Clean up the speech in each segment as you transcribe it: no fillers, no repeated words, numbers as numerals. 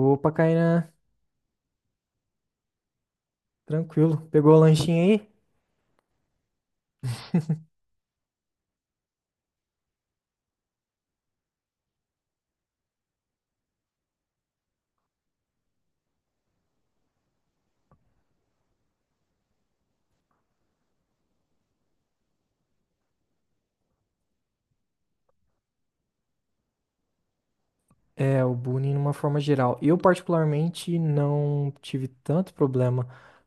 Opa, Kainan, tranquilo. Pegou o lanchinho aí? É, o bullying numa forma geral. Eu, particularmente, não tive tanto problema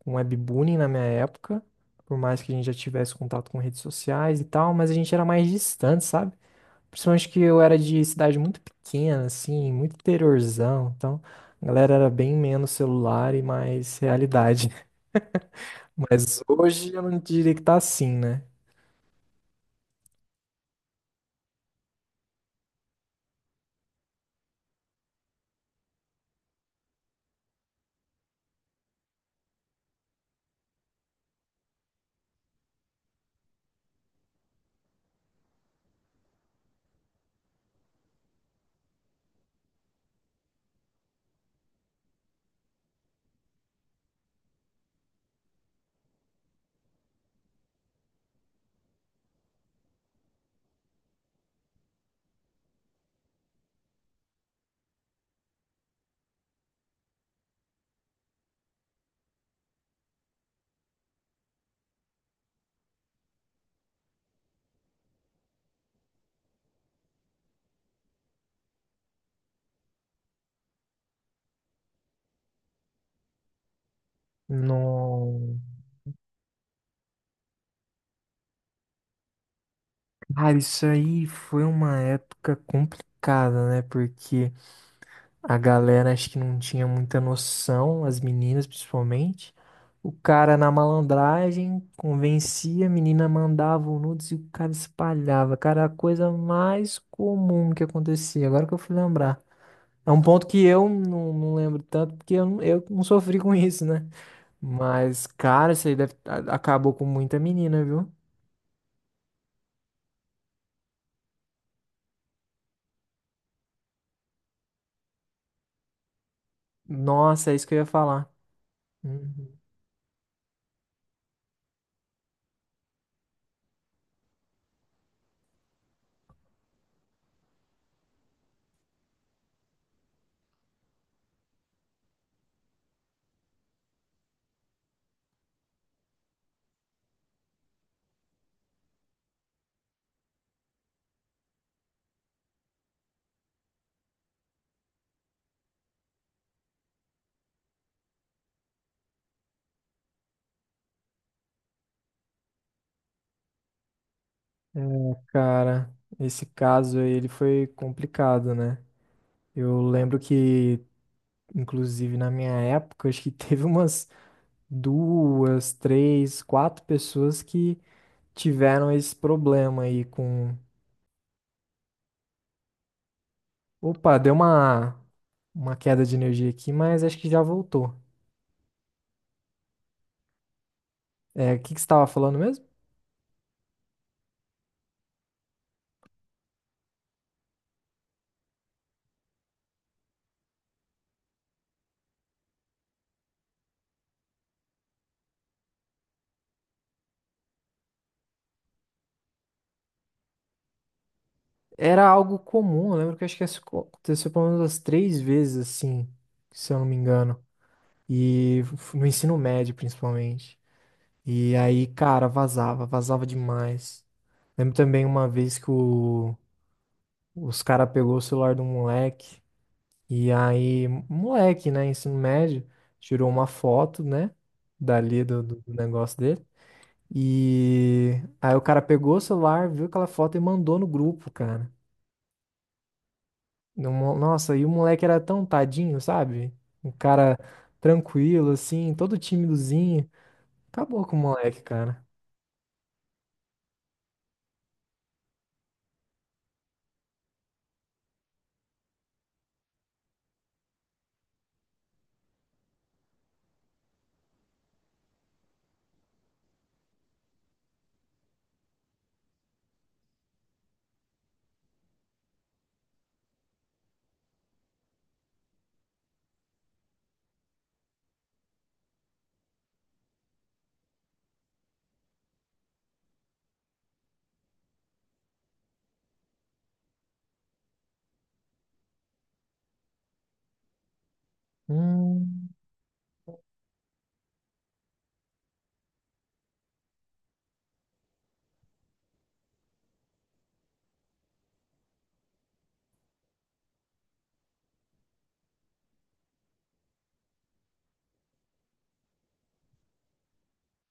com webbullying na minha época, por mais que a gente já tivesse contato com redes sociais e tal, mas a gente era mais distante, sabe? Principalmente que eu era de cidade muito pequena, assim, muito interiorzão, então a galera era bem menos celular e mais realidade. Mas hoje eu não diria que tá assim, né? Não. Cara, isso aí foi uma época complicada, né? Porque a galera acho que não tinha muita noção, as meninas principalmente. O cara na malandragem convencia, a menina mandava o nudes e o cara espalhava. Cara, era a coisa mais comum que acontecia, agora que eu fui lembrar. É um ponto que eu não lembro tanto, porque eu não sofri com isso, né? Mas, cara, isso aí deve- a- acabou com muita menina, viu? Nossa, é isso que eu ia falar. Uhum. É, cara, esse caso aí, ele foi complicado, né? Eu lembro que, inclusive na minha época, acho que teve umas duas, três, quatro pessoas que tiveram esse problema aí com. Opa, deu uma queda de energia aqui, mas acho que já voltou. É, o que que você estava falando mesmo? Era algo comum, eu lembro que acho que isso aconteceu pelo menos umas três vezes, assim, se eu não me engano. E f- no ensino médio, principalmente. E aí, cara, vazava, vazava demais. Lembro também uma vez que o- os cara pegou o celular do moleque, e aí, moleque, né, ensino médio, tirou uma foto, né, dali do negócio dele. E aí o cara pegou o celular, viu aquela foto e mandou no grupo, cara. No mo- Nossa, e o moleque era tão tadinho, sabe? Um cara tranquilo, assim, todo timidozinho. Acabou com o moleque, cara. Hum.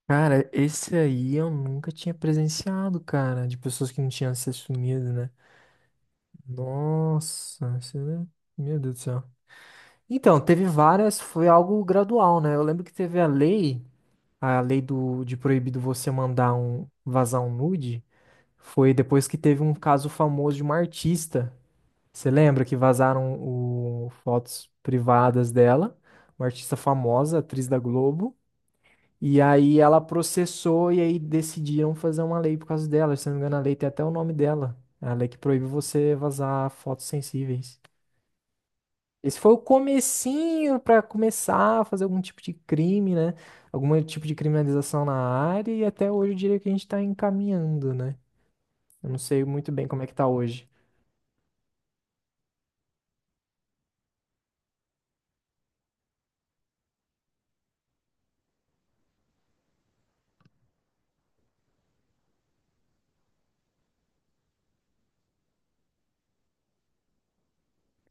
Cara, esse aí eu nunca tinha presenciado, cara, de pessoas que não tinham se assumido, né? Nossa, isso é- meu Deus do céu. Então, teve várias, foi algo gradual, né? Eu lembro que teve a lei do, de proibido você mandar um, vazar um nude, foi depois que teve um caso famoso de uma artista. Você lembra que vazaram o, fotos privadas dela, uma artista famosa, atriz da Globo. E aí ela processou e aí decidiram fazer uma lei por causa dela. Se não me engano, a lei tem até o nome dela. É a lei que proíbe você vazar fotos sensíveis. Esse foi o comecinho para começar a fazer algum tipo de crime, né? Algum tipo de criminalização na área e até hoje eu diria que a gente tá encaminhando, né? Eu não sei muito bem como é que tá hoje.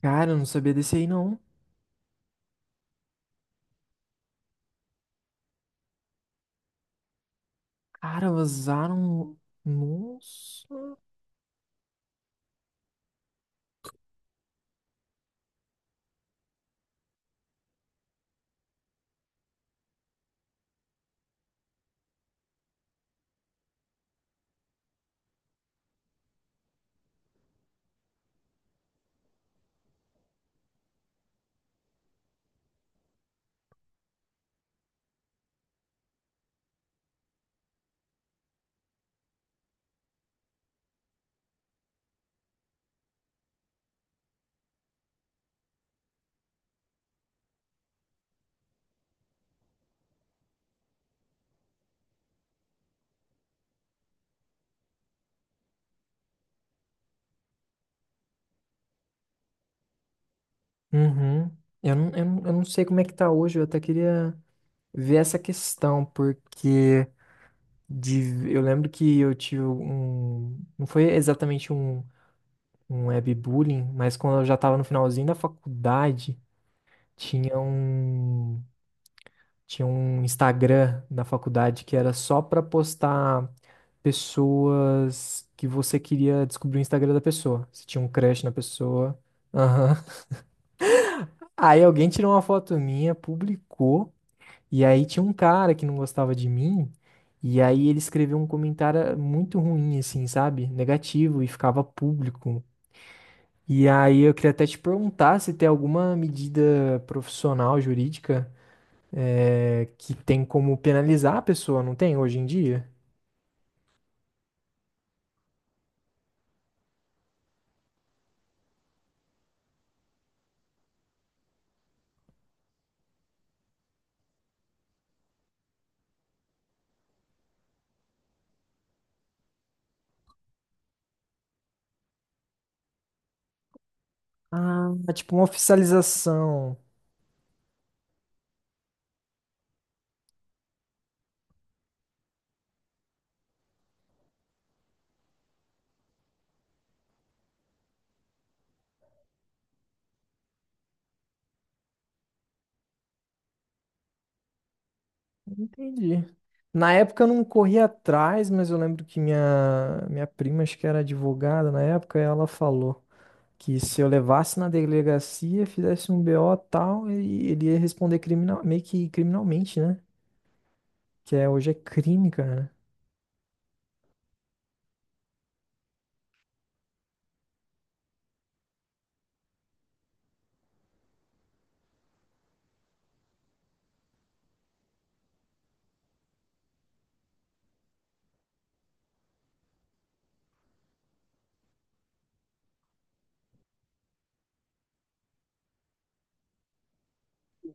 Cara, eu não sabia desse aí não. Cara, vazaram. Nossa. Uhum. Eu não sei como é que tá hoje. Eu até queria. Ver essa questão, porque de, eu lembro que eu tive um. Não foi exatamente um, um webbullying, mas quando eu já estava no finalzinho da faculdade, tinha um. Tinha um Instagram na faculdade que era só para postar pessoas que você queria descobrir o Instagram da pessoa. Você tinha um crush na pessoa. Aham. Aí alguém tirou uma foto minha, publicou. E aí tinha um cara que não gostava de mim, e aí ele escreveu um comentário muito ruim, assim, sabe? Negativo, e ficava público. E aí eu queria até te perguntar se tem alguma medida profissional, jurídica, que tem como penalizar a pessoa, não tem hoje em dia? Ah, é tipo uma oficialização. Entendi. Na época eu não corri atrás, mas eu lembro que minha prima, acho que era advogada na época, ela falou. Que se eu levasse na delegacia, fizesse um BO tal, ele ia responder criminal, meio que criminalmente, né? Que é, hoje é crime, cara.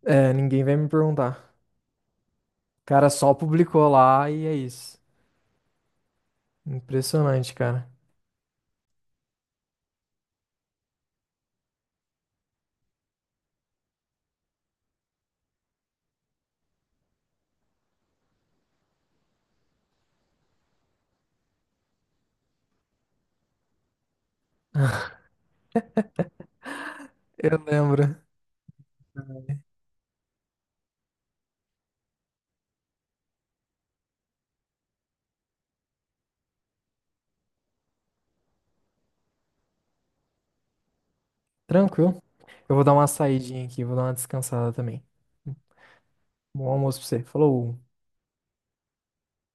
É, ninguém vai me perguntar. O cara só publicou lá e é isso. Impressionante, cara. Eu lembro. Tranquilo. Eu vou dar uma saidinha aqui, vou dar uma descansada também. Bom almoço pra você. Falou.